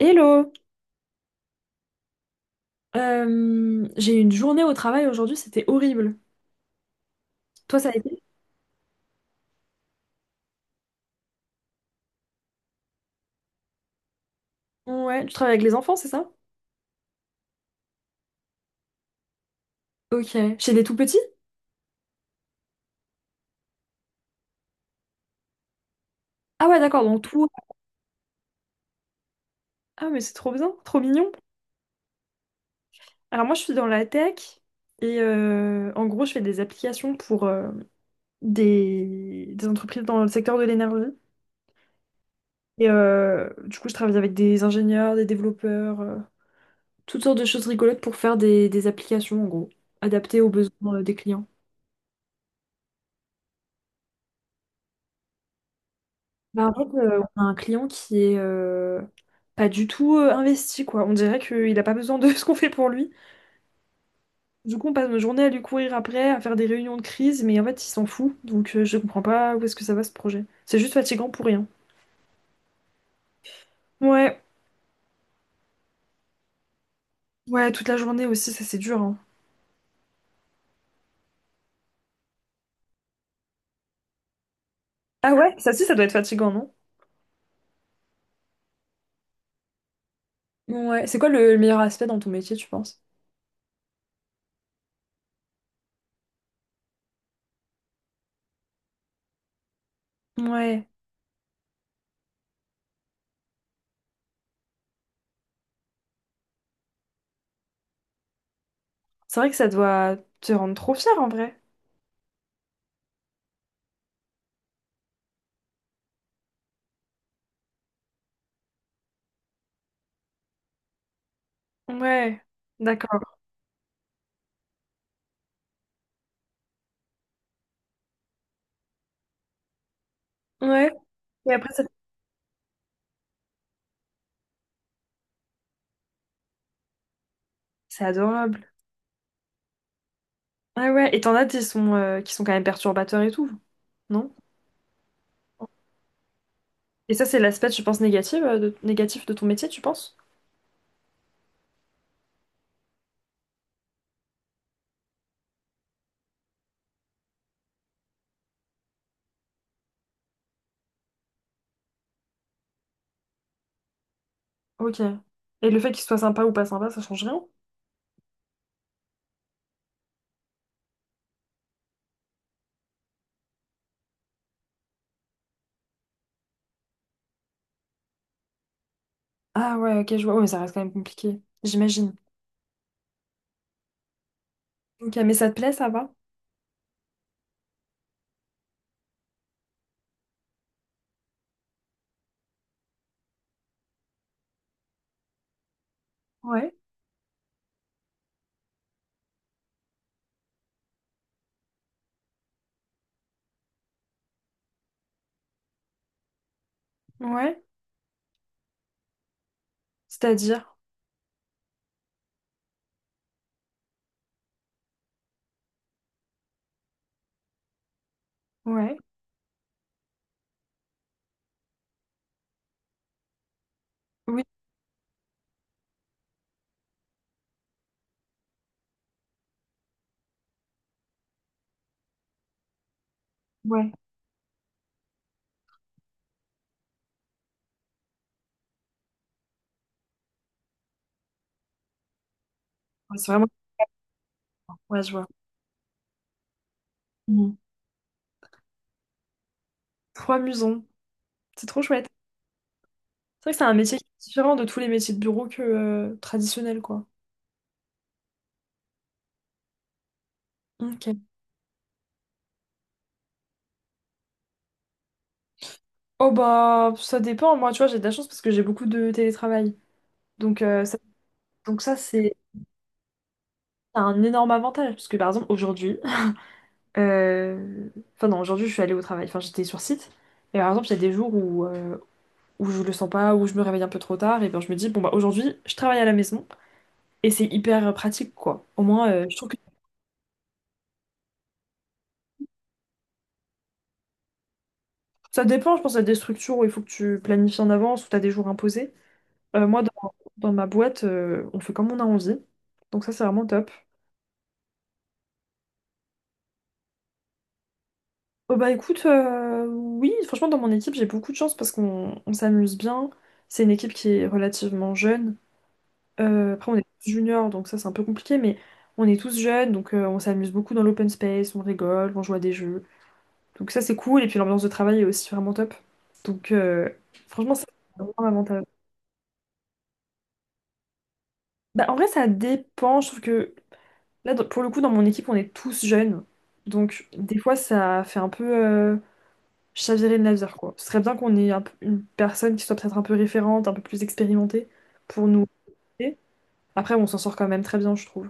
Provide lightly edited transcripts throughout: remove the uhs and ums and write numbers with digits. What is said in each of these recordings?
Hello! J'ai eu une journée au travail aujourd'hui, c'était horrible. Toi, ça a été? Ouais, tu travailles avec les enfants, c'est ça? Ok. Chez des tout petits? Ah ouais, d'accord, donc tout. Ah, mais c'est trop bien, trop mignon. Alors moi, je suis dans la tech et en gros, je fais des applications pour des entreprises dans le secteur de l'énergie. Et du coup, je travaille avec des ingénieurs, des développeurs, toutes sortes de choses rigolotes pour faire des applications, en gros, adaptées aux besoins des clients. Bah, en fait, on a un client qui est pas du tout investi, quoi. On dirait qu'il a pas besoin de ce qu'on fait pour lui. Du coup, on passe nos journées à lui courir après, à faire des réunions de crise, mais en fait, il s'en fout. Donc, je comprends pas où est-ce que ça va ce projet. C'est juste fatigant pour rien. Ouais, ouais, toute la journée aussi, ça c'est dur, hein. Ah ouais, ça aussi, ça doit être fatigant, non? Ouais, c'est quoi le meilleur aspect dans ton métier, tu penses? Ouais, c'est vrai que ça doit te rendre trop fier en vrai. Ouais, d'accord. Ouais, et c'est adorable. Ah ouais, et t'en as qui sont quand même perturbateurs et tout, non? Et ça, c'est l'aspect, je pense, négatif, négatif de ton métier, tu penses? Ok. Et le fait qu'il soit sympa ou pas sympa, ça change rien? Ah ouais, ok, je vois. Ouais, mais ça reste quand même compliqué, j'imagine. Ok, mais ça te plaît, ça va? Ouais. Ouais. C'est-à-dire? Ouais. Oui. Ouais. Ouais, c'est vraiment... Ouais, je vois. Mhm. Trop amusant. C'est trop chouette. C'est vrai que c'est un métier qui est différent de tous les métiers de bureau que traditionnels, quoi. Ok. Oh bah, ça dépend. Moi, tu vois, j'ai de la chance parce que j'ai beaucoup de télétravail. Donc, euh, ça, donc ça c'est un énorme avantage, parce que par exemple, aujourd'hui, euh, enfin non, aujourd'hui, je suis allée au travail, enfin j'étais sur site, et par exemple, il y a des jours où, où je le sens pas, où je me réveille un peu trop tard, et bien je me dis, bon bah aujourd'hui, je travaille à la maison, et c'est hyper pratique, quoi. Au moins, je trouve que ça dépend, je pense, à des structures où il faut que tu planifies en avance, où tu as des jours imposés. Moi, dans ma boîte, on fait comme on a envie, donc ça, c'est vraiment top. Oh bah écoute, oui, franchement dans mon équipe j'ai beaucoup de chance parce qu'on s'amuse bien. C'est une équipe qui est relativement jeune. Après on est tous juniors donc ça c'est un peu compliqué mais on est tous jeunes donc on s'amuse beaucoup dans l'open space, on rigole, on joue à des jeux. Donc ça c'est cool et puis l'ambiance de travail est aussi vraiment top. Donc euh, Franchement ça, c'est vraiment un avantage. Bah en vrai ça dépend, je trouve que pour le coup dans mon équipe on est tous jeunes. Donc des fois ça fait un peu. Je servirais de laser, quoi. Ce serait bien qu'on ait une personne qui soit peut-être un peu référente, un peu plus expérimentée pour nous aider. Après, on s'en sort quand même très bien, je trouve.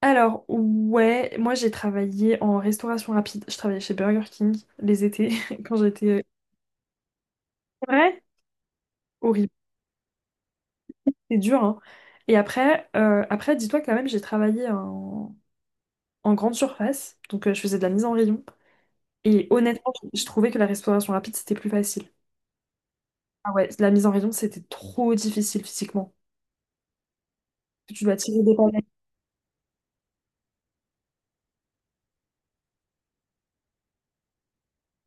Alors, ouais, moi j'ai travaillé en restauration rapide. Je travaillais chez Burger King les étés quand j'étais... C'est vrai? Horrible. C'est dur, hein. Et après, après dis-toi quand même, j'ai travaillé en grande surface. Donc, je faisais de la mise en rayon. Et honnêtement, je trouvais que la restauration rapide, c'était plus facile. Ah ouais, la mise en rayon, c'était trop difficile physiquement. Tu dois tirer des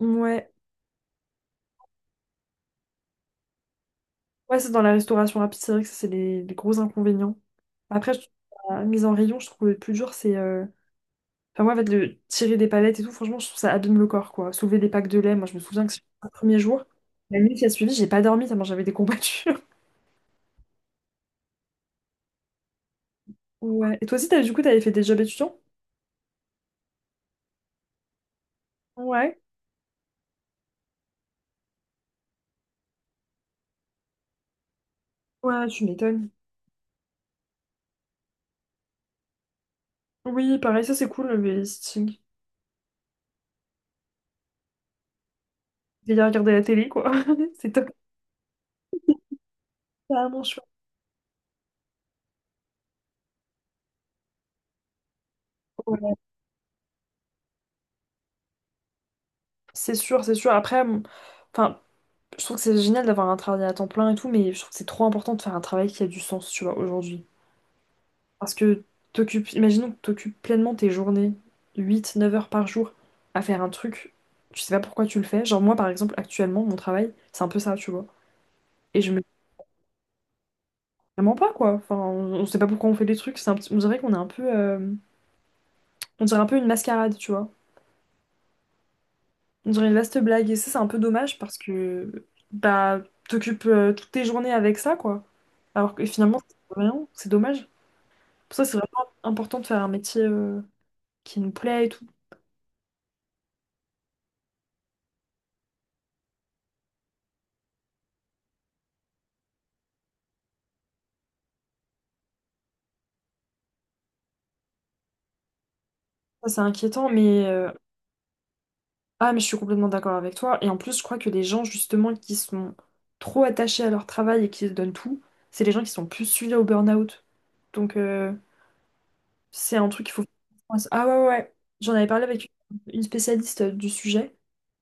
Ouais, ouais, c'est dans la restauration rapide, c'est vrai que ça, c'est les gros inconvénients. Après, je trouve la mise en rayon, je trouve le plus dur, c'est. Enfin, moi, en fait, le tirer des palettes et tout, franchement, je trouve ça abîme le corps, quoi. Soulever des packs de lait, moi, je me souviens que c'est le premier jour. La nuit qui a suivi, j'ai pas dormi, tellement j'avais des combattures. Ouais. Et toi aussi, t'as, du coup, t'avais fait des jobs étudiants? Ouais. Ouais, tu m'étonnes. Oui, pareil, ça, c'est cool, le stitching. Veiller à regarder la télé, quoi. C'est top. C'est vraiment chouette. Ouais. C'est sûr, c'est sûr. Enfin, Je trouve que c'est génial d'avoir un travail à temps plein et tout, mais je trouve que c'est trop important de faire un travail qui a du sens, tu vois, aujourd'hui. Parce que t'occupes, imaginons que t'occupes pleinement tes journées, 8, 9 heures par jour, à faire un truc, tu sais pas pourquoi tu le fais. Genre moi, par exemple, actuellement, mon travail, c'est un peu ça, tu vois. Et je me dis vraiment pas, quoi. Enfin, on sait pas pourquoi on fait des trucs, c'est un on dirait qu'on est un peu. On dirait un peu une mascarade, tu vois. On dirait une vaste blague, et ça, c'est un peu dommage parce que... Bah, t'occupes toutes tes journées avec ça, quoi. Alors que finalement, c'est rien, c'est dommage. Pour ça, c'est vraiment important de faire un métier qui nous plaît et tout. Ça, c'est inquiétant, mais ah, mais je suis complètement d'accord avec toi. Et en plus, je crois que les gens, justement, qui sont trop attachés à leur travail et qui se donnent tout, c'est les gens qui sont plus sujets au burn-out. Donc, c'est un truc qu'il faut... faire attention. Ah ouais, ouais. J'en avais parlé avec une spécialiste du sujet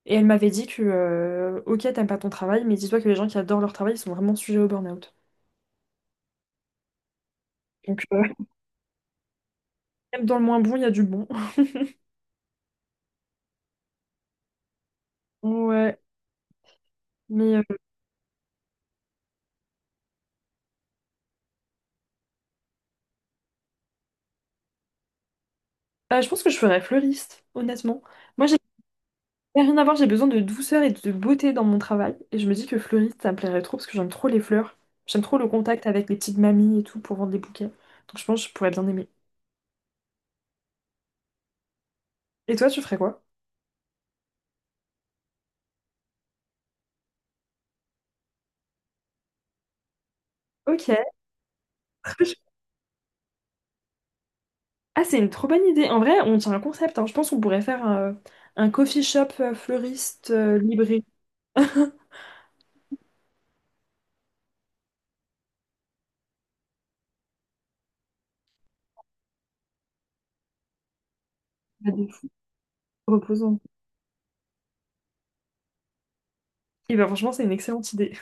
et elle m'avait dit que, ok, t'aimes pas ton travail, mais dis-toi que les gens qui adorent leur travail, ils sont vraiment sujets au burn-out. Donc, même dans le moins bon, il y a du bon. Ouais, mais... Je pense que je ferais fleuriste, honnêtement. Moi, j'ai rien à voir, j'ai besoin de douceur et de beauté dans mon travail. Et je me dis que fleuriste, ça me plairait trop parce que j'aime trop les fleurs. J'aime trop le contact avec les petites mamies et tout pour vendre des bouquets. Donc je pense que je pourrais bien aimer. Et toi, tu ferais quoi? Ok. Trop chou- Ah, c'est une trop bonne idée. En vrai, on tient un concept. Hein. Je pense qu'on pourrait faire un coffee shop fleuriste libré. Bah, de fou, reposant. Et ben franchement, c'est une excellente idée.